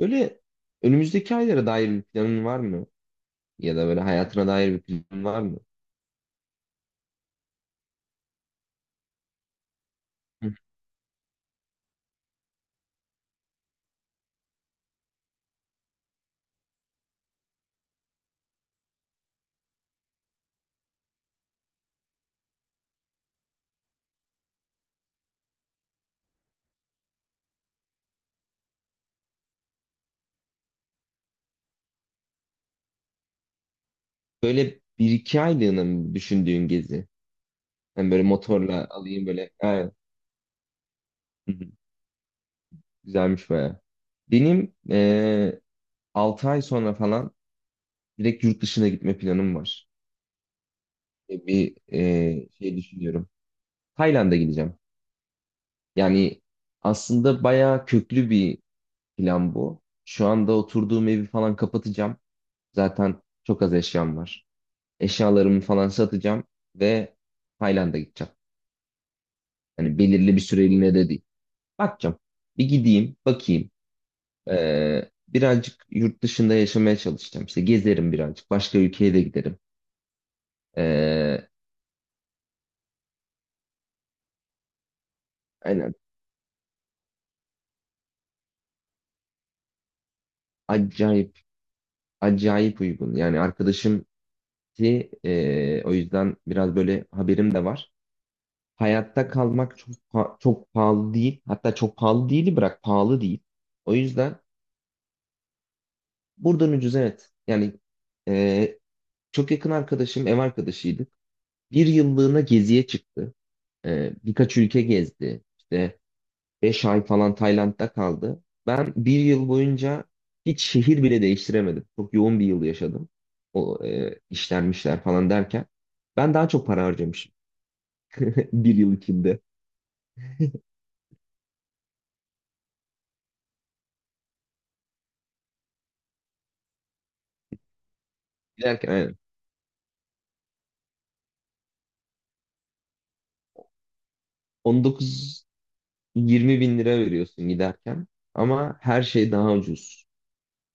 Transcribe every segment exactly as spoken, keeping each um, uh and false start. Öyle önümüzdeki aylara dair bir planın var mı? Ya da böyle hayatına dair bir planın var mı? Hı. Böyle bir iki aylığına mı düşündüğün gezi? Yani böyle motorla alayım böyle. Aynen. Hı hı. Güzelmiş baya. Benim eee altı ay sonra falan direkt yurt dışına gitme planım var. E, Bir eee, şey düşünüyorum. Tayland'a gideceğim. Yani aslında baya köklü bir plan bu. Şu anda oturduğum evi falan kapatacağım. Zaten çok az eşyam var. Eşyalarımı falan satacağım ve Tayland'a gideceğim. Hani belirli bir süreliğine de değil. Bakacağım. Bir gideyim, bakayım. Ee, birazcık yurt dışında yaşamaya çalışacağım. İşte gezerim birazcık. Başka ülkeye de giderim. Ee, aynen. Acayip, acayip uygun. Yani arkadaşım ki e, o yüzden biraz böyle haberim de var. Hayatta kalmak çok pa- çok pahalı değil. Hatta çok pahalı değil, bırak pahalı değil. O yüzden buradan ucuz, evet. Yani e, çok yakın arkadaşım, ev arkadaşıydık. Bir yıllığına geziye çıktı. Ee, birkaç ülke gezdi. İşte beş ay falan Tayland'da kaldı. Ben bir yıl boyunca hiç şehir bile değiştiremedim. Çok yoğun bir yıl yaşadım. O e, işlenmişler falan derken. Ben daha çok para harcamışım. Bir yıl içinde. Giderken aynen. on dokuz yirmi bin lira veriyorsun giderken. Ama her şey daha ucuz.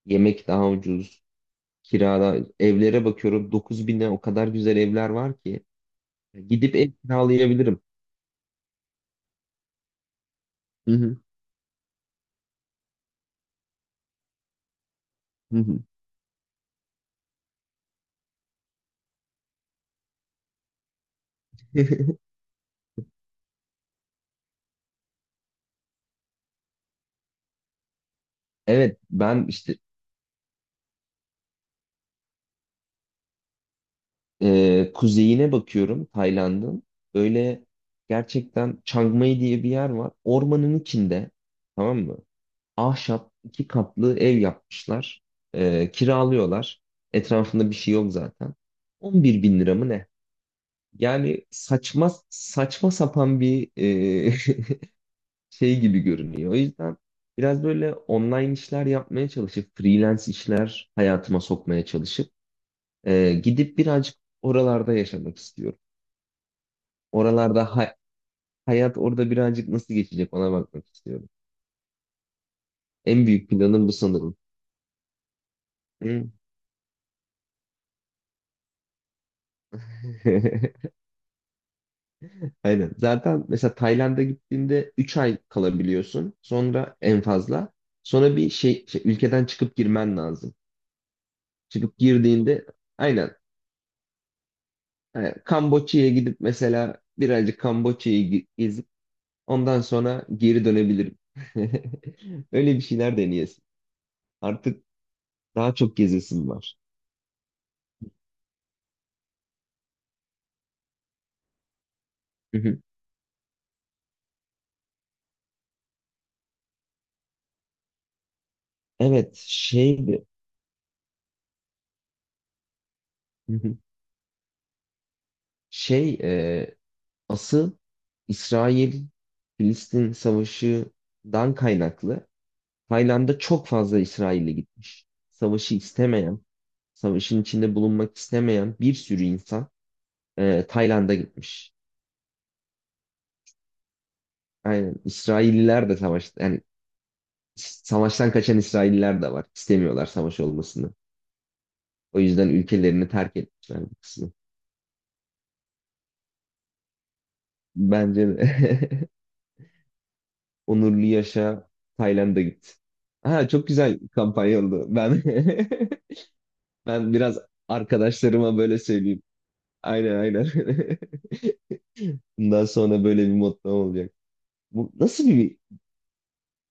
Yemek daha ucuz. Kirada evlere bakıyorum, dokuz bine o kadar güzel evler var ki. Gidip ev kiralayabilirim. Hı hı, hı hı. Evet, ben işte e, kuzeyine bakıyorum Tayland'ın. Öyle gerçekten Chiang Mai diye bir yer var. Ormanın içinde, tamam mı? Ahşap iki katlı ev yapmışlar. E, kiralıyorlar. Etrafında bir şey yok zaten. On bir bin lira mı ne? Yani saçma saçma sapan bir e, şey gibi görünüyor. O yüzden biraz böyle online işler yapmaya çalışıp, freelance işler hayatıma sokmaya çalışıp e, gidip birazcık oralarda yaşamak istiyorum. Oralarda hay- hayat orada birazcık nasıl geçecek, ona bakmak istiyorum. En büyük planım bu sanırım. Hı. Aynen. Zaten mesela Tayland'a gittiğinde üç ay kalabiliyorsun. Sonra en fazla. Sonra bir şey, şey, ülkeden çıkıp girmen lazım. Çıkıp girdiğinde aynen. Hani Kamboçya'ya gidip mesela birazcık Kamboçya'yı ge- gezip ondan sonra geri dönebilirim. Öyle bir şeyler deneyesin. Artık daha çok gezesim var. Hı hı. Evet, şeydi. Hı hı. Şey, e, asıl İsrail-Filistin savaşından kaynaklı Tayland'a çok fazla İsrail'e gitmiş. Savaşı istemeyen, savaşın içinde bulunmak istemeyen bir sürü insan e, Tayland'a gitmiş. Aynen. İsrailliler de savaş, yani savaştan kaçan İsrailliler de var. İstemiyorlar savaş olmasını. O yüzden ülkelerini terk etmişler bu kısmı. Bence de. Onurlu yaşa, Tayland'a git. Ha, çok güzel kampanya oldu. Ben ben biraz arkadaşlarıma böyle söyleyeyim. Aynen, aynen. Bundan sonra böyle bir motto olacak. Bu nasıl bir,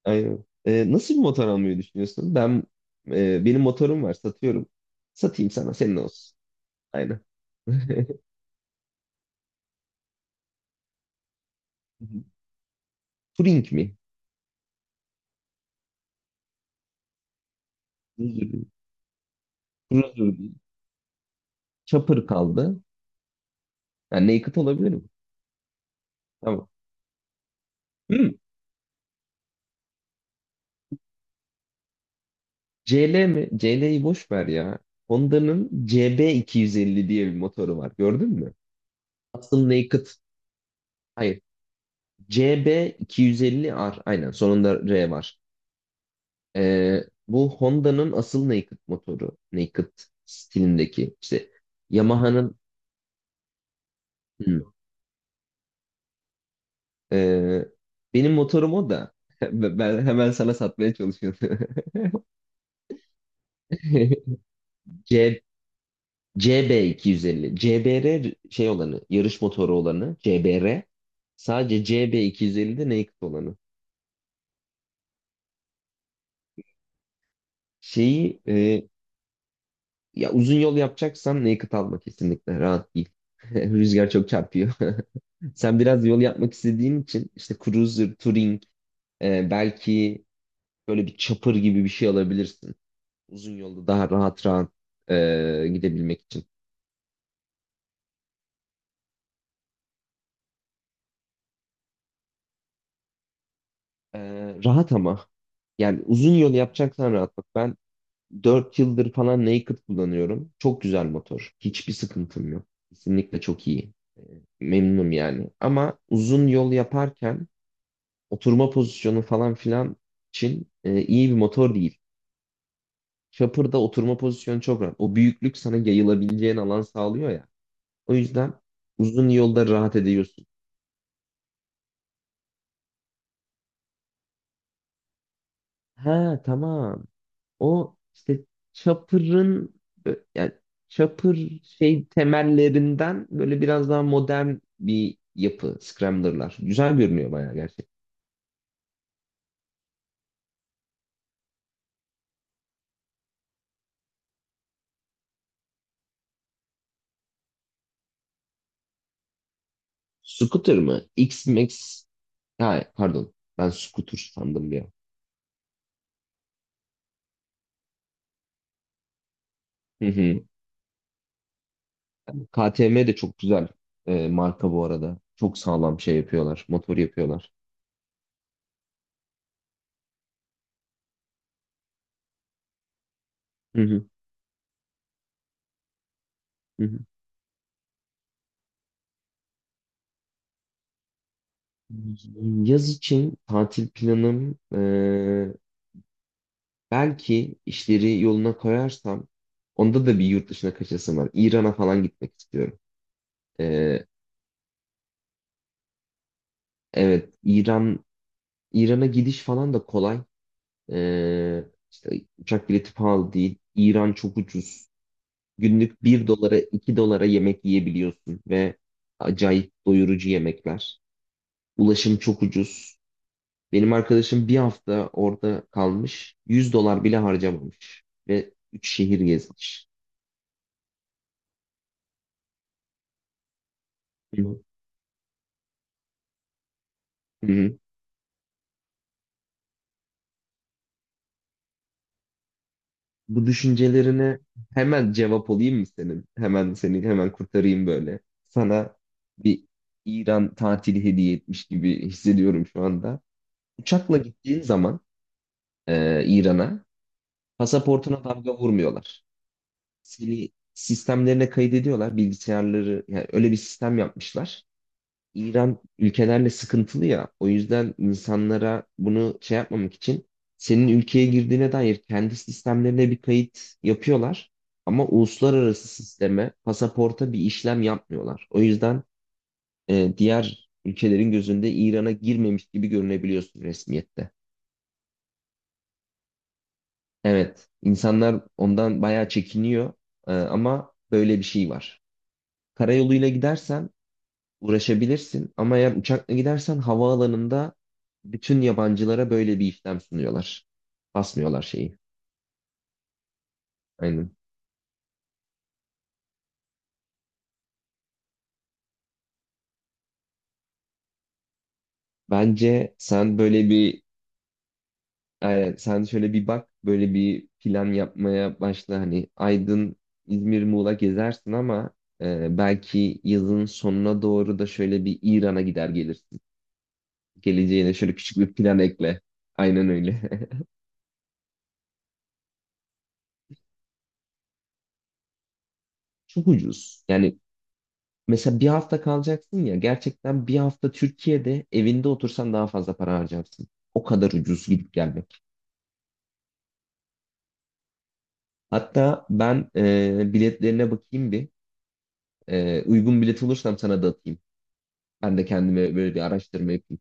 aynen. Ee, nasıl bir motor almayı düşünüyorsun? Ben e, benim motorum var, satıyorum. Satayım, sana senin olsun. Aynen. Turing mi? Cruiser Cruiser değil. Chopper kaldı. Yani Naked olabilir mi? Tamam. Hmm. C L mi? C L'yi boş ver ya. Honda'nın C B iki yüz elli diye bir motoru var. Gördün mü? Custom Naked. Hayır. C B iki yüz elli R. Aynen. Sonunda R var. Ee, Bu Honda'nın asıl Naked motoru. Naked stilindeki. İşte Yamaha'nın. Hmm. Ee, Benim motorum o da. Ben hemen sana satmaya çalışıyorum. C, CB250. C B R şey olanı, yarış motoru olanı. C B R. Sadece C B, C B iki yüz ellide naked olanı. Şeyi e, ya, uzun yol yapacaksan naked alma kesinlikle. Rahat değil. Rüzgar çok çarpıyor. Sen biraz yol yapmak istediğin için işte Cruiser, Touring, e, belki böyle bir chopper gibi bir şey alabilirsin. Uzun yolda daha rahat rahat e, gidebilmek için. E, Rahat ama. Yani uzun yol yapacaksan rahat. Bak, ben dört yıldır falan Naked kullanıyorum. Çok güzel motor. Hiçbir sıkıntım yok. Kesinlikle çok iyi. Memnunum yani. Ama uzun yol yaparken oturma pozisyonu falan filan için e, iyi bir motor değil. Chopper'da oturma pozisyonu çok rahat. O büyüklük sana yayılabileceğin alan sağlıyor ya. O yüzden uzun yolda rahat ediyorsun. Ha, tamam. O işte Chopper'ın ö- yani Chopper şey temellerinden böyle biraz daha modern bir yapı Scrambler'lar. Güzel görünüyor bayağı gerçekten. Scooter mı? X-Max. Ha, pardon. Ben Scooter sandım bir an. Hı hı. K T M de çok güzel e, marka bu arada. Çok sağlam şey yapıyorlar. Motor yapıyorlar. Hı hı. Hı hı. Yaz için tatil planım, e, belki işleri yoluna koyarsam onda da bir yurt dışına kaçasım var. İran'a falan gitmek istiyorum. Ee, evet, İran İran'a gidiş falan da kolay. Ee, işte uçak bileti pahalı değil. İran çok ucuz. Günlük bir dolara, iki dolara yemek yiyebiliyorsun ve acayip doyurucu yemekler. Ulaşım çok ucuz. Benim arkadaşım bir hafta orada kalmış. Yüz dolar bile harcamamış ve üç şehir gezmiş. Hı hı. Bu düşüncelerine hemen cevap olayım mı senin? Hemen seni hemen kurtarayım böyle. Sana bir İran tatili hediye etmiş gibi hissediyorum şu anda. Uçakla gittiğin zaman e, İran'a pasaportuna damga vurmuyorlar. Seni sistemlerine kaydediyorlar. Bilgisayarları, yani öyle bir sistem yapmışlar. İran ülkelerle sıkıntılı ya. O yüzden insanlara bunu şey yapmamak için senin ülkeye girdiğine dair kendi sistemlerine bir kayıt yapıyorlar. Ama uluslararası sisteme, pasaporta bir işlem yapmıyorlar. O yüzden e, diğer ülkelerin gözünde İran'a girmemiş gibi görünebiliyorsun resmiyette. Evet, insanlar ondan bayağı çekiniyor. E, ama böyle bir şey var. Karayoluyla gidersen uğraşabilirsin ama eğer uçakla gidersen havaalanında bütün yabancılara böyle bir işlem sunuyorlar. Basmıyorlar şeyi. Aynen. Bence sen böyle bir, aynen, sen şöyle bir bak, böyle bir plan yapmaya başla. Hani Aydın, İzmir, Muğla gezersin ama e, belki yazın sonuna doğru da şöyle bir İran'a gider gelirsin. Geleceğine şöyle küçük bir plan ekle. Aynen öyle. Çok ucuz. Yani mesela bir hafta kalacaksın ya, gerçekten bir hafta Türkiye'de evinde otursan daha fazla para harcarsın. O kadar ucuz gidip gelmek. Hatta ben e, biletlerine bakayım bir. E, uygun bilet olursam sana da atayım. Ben de kendime böyle bir araştırma yapayım.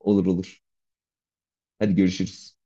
Olur, olur. Hadi görüşürüz.